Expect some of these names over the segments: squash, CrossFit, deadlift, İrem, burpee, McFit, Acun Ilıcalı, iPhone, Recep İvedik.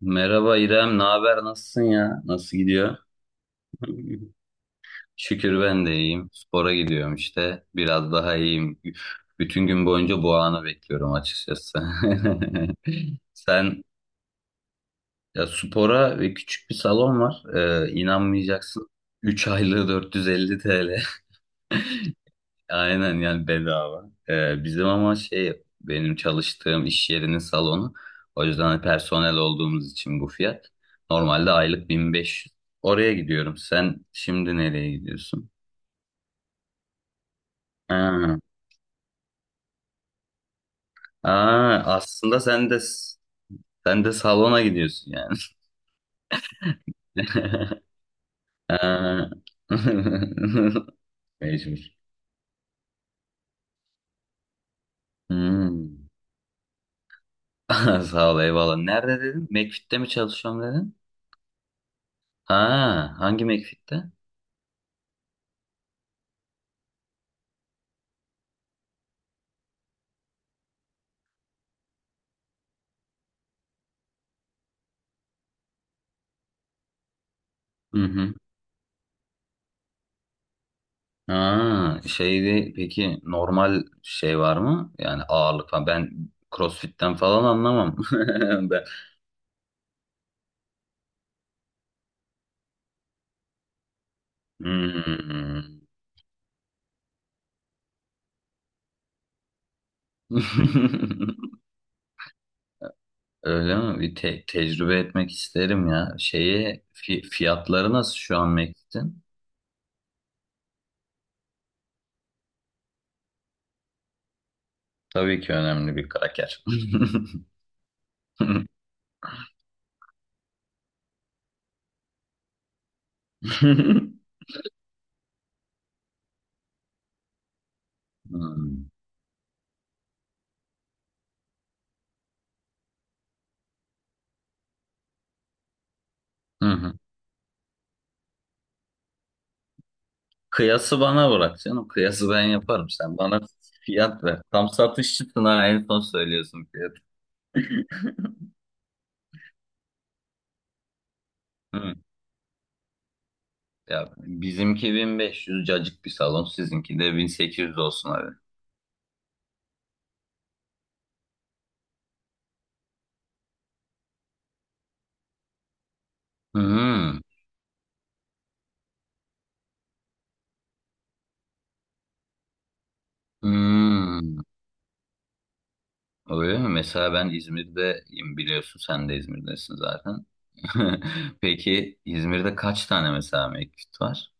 Merhaba İrem, ne haber? Nasılsın ya? Nasıl gidiyor? Şükür ben de iyiyim. Spora gidiyorum işte. Biraz daha iyiyim. Bütün gün boyunca bu anı bekliyorum açıkçası. Sen ya spora ve küçük bir salon var. İnanmayacaksın. 3 aylığı 450 TL. Aynen yani bedava. Bizim ama şey benim çalıştığım iş yerinin salonu. O yüzden hani personel olduğumuz için bu fiyat. Normalde aylık 1500. Oraya gidiyorum. Sen şimdi nereye gidiyorsun? Ha. Aa, aslında sen de salona gidiyorsun yani. Ha. Mecbur. Hmm. Sağ ol eyvallah. Nerede dedin? McFit'te mi çalışıyorum dedin? Ha, hangi McFit'te? Hı hı. Ha, şeyde peki normal şey var mı? Yani ağırlık falan. Ben CrossFit'ten falan anlamam. Ben... Hmm. Öyle mi? Bir tecrübe etmek isterim ya. Şeye fiyatları nasıl şu an Mektin? Tabii ki önemli bir kraker. Hmm. Hı hı. Kıyası bana bırak canım. Kıyası ben yaparım. Sen bana fiyat ver. Tam satışçısın ha. En son söylüyorsun fiyatı. Ya bizimki 1500 cacık bir salon, sizinki de 1800 olsun abi. Hmm. Hmm. Öyle mi? Mesela ben İzmir'deyim biliyorsun, sen de İzmir'desin zaten. Peki İzmir'de kaç tane mesela mevcut var?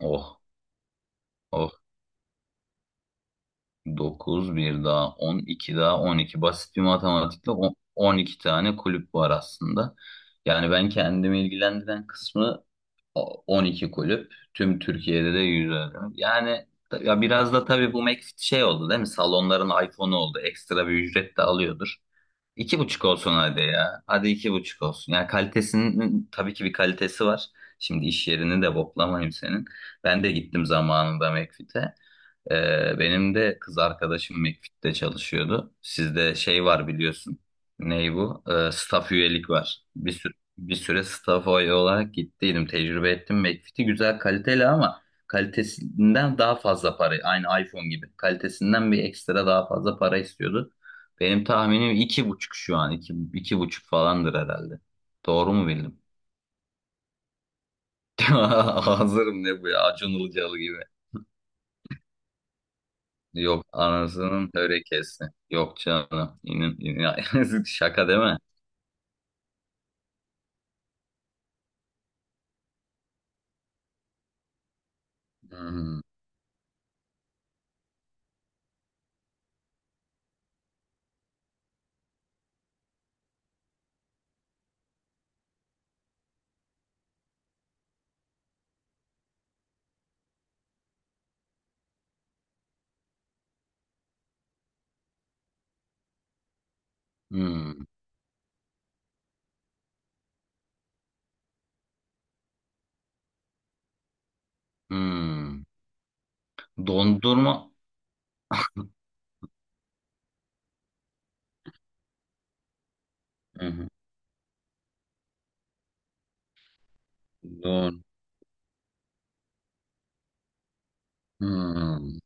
Oh, oh. 9 bir daha 12 daha 12. Basit bir matematikle on 12 tane kulüp var aslında. Yani ben kendimi ilgilendiren kısmı 12 kulüp. Tüm Türkiye'de de 100. Yani ya biraz da tabii bu McFit şey oldu değil mi? Salonların iPhone'u oldu. Ekstra bir ücret de alıyordur. İki buçuk olsun hadi ya. Hadi iki buçuk olsun. Yani kalitesinin tabii ki bir kalitesi var. Şimdi iş yerini de boklamayayım senin. Ben de gittim zamanında McFit'e. Benim de kız arkadaşım McFit'te çalışıyordu. Sizde şey var biliyorsun. Ney bu? Staff üyelik var. Bir süre staff üye olarak gittiydim. Tecrübe ettim. McFit'i güzel kaliteli ama kalitesinden daha fazla para. Aynı iPhone gibi. Kalitesinden bir ekstra daha fazla para istiyordu. Benim tahminim iki buçuk şu an. İki buçuk falandır herhalde. Doğru mu bildim? Hazırım ne bu ya? Acun Ilıcalı gibi. Yok anasının törekesi. Yok canım. Şaka değil mi? Hmm, hmm, hmm. Dondurma. Hmm, don. Hmm.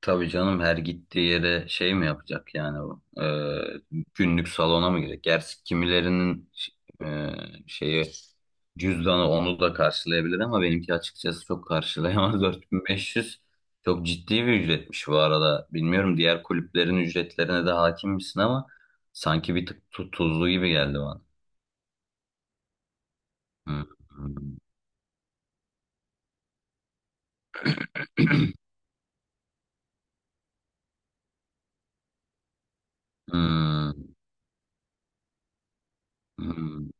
Tabii canım her gittiği yere şey mi yapacak yani bu? Günlük salona mı girecek? Gerçi kimilerinin e, şeyi cüzdanı onu da karşılayabilir ama benimki açıkçası çok karşılayamaz. 4500 çok ciddi bir ücretmiş bu arada. Bilmiyorum diğer kulüplerin ücretlerine de hakim misin ama sanki bir tık tuzlu gibi geldi bana. Hmm, hmm, hmm,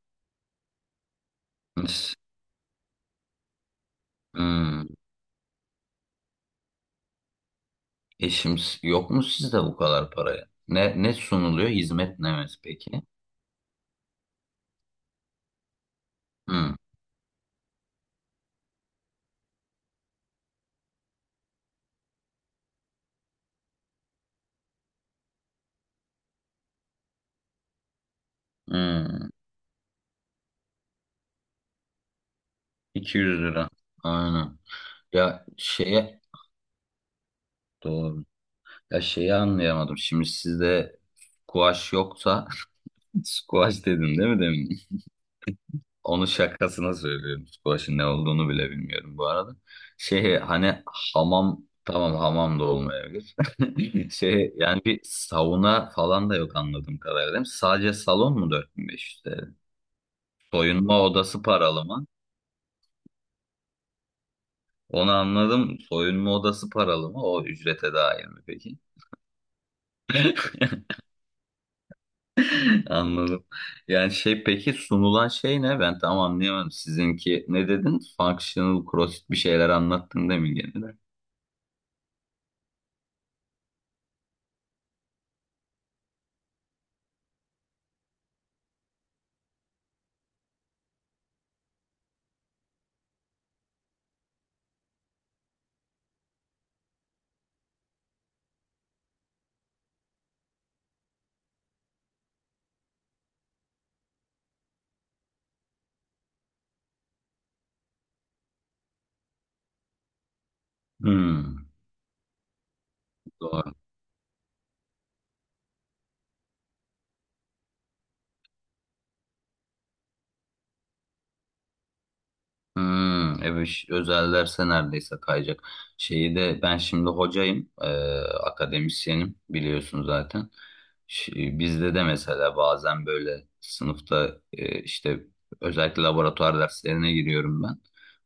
hmm. E yok mu sizde bu kadar paraya? Ne sunuluyor? Hizmet ne peki? Hmm, hmm. 200 lira. Aynen. Ya şeye doğru. Ya şeyi anlayamadım. Şimdi sizde squash yoksa squash dedim değil mi demin? Onu şakasına söylüyorum. Squash'ın ne olduğunu bile bilmiyorum bu arada. Şey hani hamam tamam hamam da olmayabilir. Şey yani bir sauna falan da yok anladığım kadarıyla değil mi? Sadece salon mu 4500 TL? Soyunma odası paralı mı? Onu anladım. Soyunma odası paralı mı? O ücrete dahil mi peki? Anladım. Yani şey peki sunulan şey ne? Ben tam anlayamadım. Sizinki ne dedin? Functional CrossFit bir şeyler anlattın değil mi gene de? Hmm, doğru. Hmm, evet özel derse neredeyse kayacak. Şeyi de ben şimdi hocayım, akademisyenim biliyorsun zaten. Bizde de mesela bazen böyle sınıfta işte özellikle laboratuvar derslerine giriyorum ben.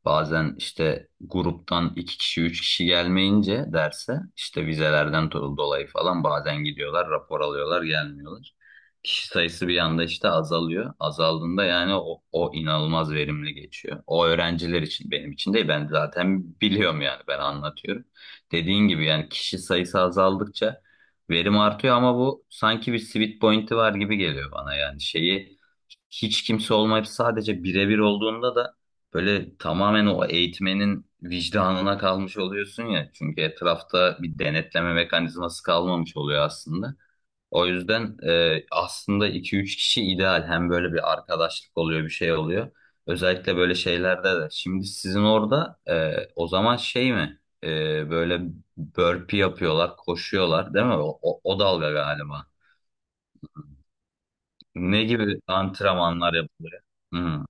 Bazen işte gruptan iki kişi üç kişi gelmeyince derse işte vizelerden dolayı falan bazen gidiyorlar rapor alıyorlar gelmiyorlar kişi sayısı bir anda işte azalıyor. Azaldığında yani o inanılmaz verimli geçiyor. O öğrenciler için benim için değil, ben zaten biliyorum yani, ben anlatıyorum. Dediğin gibi yani kişi sayısı azaldıkça verim artıyor ama bu sanki bir sweet point'i var gibi geliyor bana. Yani şeyi hiç kimse olmayıp sadece birebir olduğunda da böyle tamamen o eğitmenin vicdanına kalmış oluyorsun ya. Çünkü etrafta bir denetleme mekanizması kalmamış oluyor aslında. O yüzden aslında iki üç kişi ideal. Hem böyle bir arkadaşlık oluyor, bir şey oluyor. Özellikle böyle şeylerde de. Şimdi sizin orada o zaman şey mi? Böyle burpee yapıyorlar, koşuyorlar değil mi? O dalga galiba. Ne gibi antrenmanlar yapılıyor? Hı.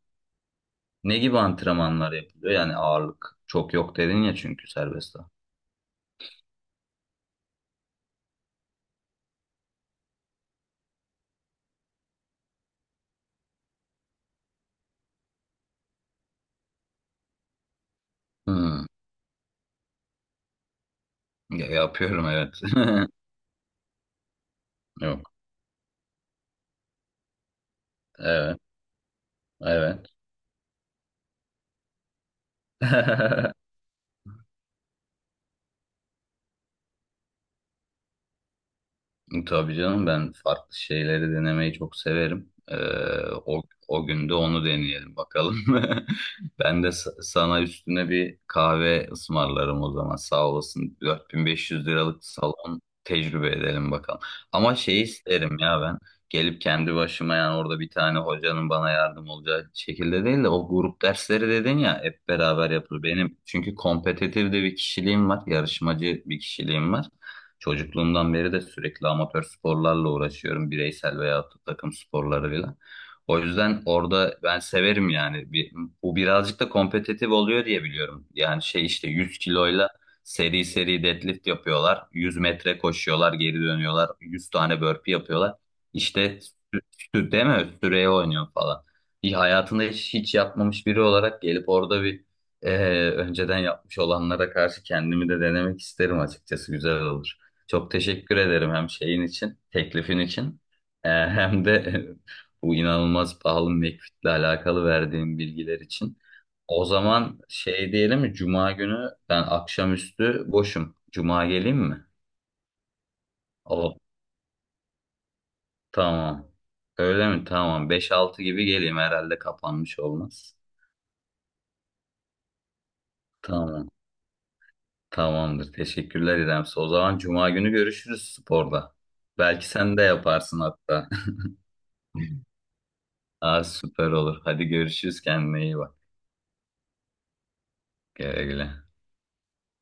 Ne gibi antrenmanlar yapılıyor? Yani ağırlık çok yok dedin ya çünkü serbestte. Hı. Ya, yapıyorum evet. Yok. Evet. Evet. Tabii canım ben farklı şeyleri denemeyi çok severim. O, o gün de onu deneyelim bakalım. Ben de sana üstüne bir kahve ısmarlarım o zaman, sağ olasın. 4500 liralık salon tecrübe edelim bakalım. Ama şey isterim ya, ben gelip kendi başıma yani orada bir tane hocanın bana yardım olacağı şekilde değil de, o grup dersleri dedin ya hep beraber yapılır. Benim çünkü kompetitif de bir kişiliğim var, yarışmacı bir kişiliğim var. Çocukluğumdan beri de sürekli amatör sporlarla uğraşıyorum. Bireysel veya takım sporlarıyla. O yüzden orada ben severim yani. Bir, bu birazcık da kompetitif oluyor diye biliyorum. Yani şey işte 100 kiloyla seri seri deadlift yapıyorlar. 100 metre koşuyorlar, geri dönüyorlar. 100 tane burpee yapıyorlar. İşte sü- değil mi? Süreye oynuyor falan. Bir hayatında hiç, hiç yapmamış biri olarak gelip orada bir önceden yapmış olanlara karşı kendimi de denemek isterim açıkçası. Güzel olur. Çok teşekkür ederim hem şeyin için, teklifin için, hem de bu inanılmaz pahalı McFit'le alakalı verdiğim bilgiler için. O zaman şey diyelim mi? Cuma günü ben akşamüstü boşum. Cuma geleyim mi? O tamam. Öyle mi? Tamam. Beş altı gibi geleyim, herhalde kapanmış olmaz. Tamam. Tamamdır. Teşekkürler İremsi. O zaman Cuma günü görüşürüz sporda. Belki sen de yaparsın hatta. Aa, süper olur. Hadi görüşürüz. Kendine iyi bak. Güle güle.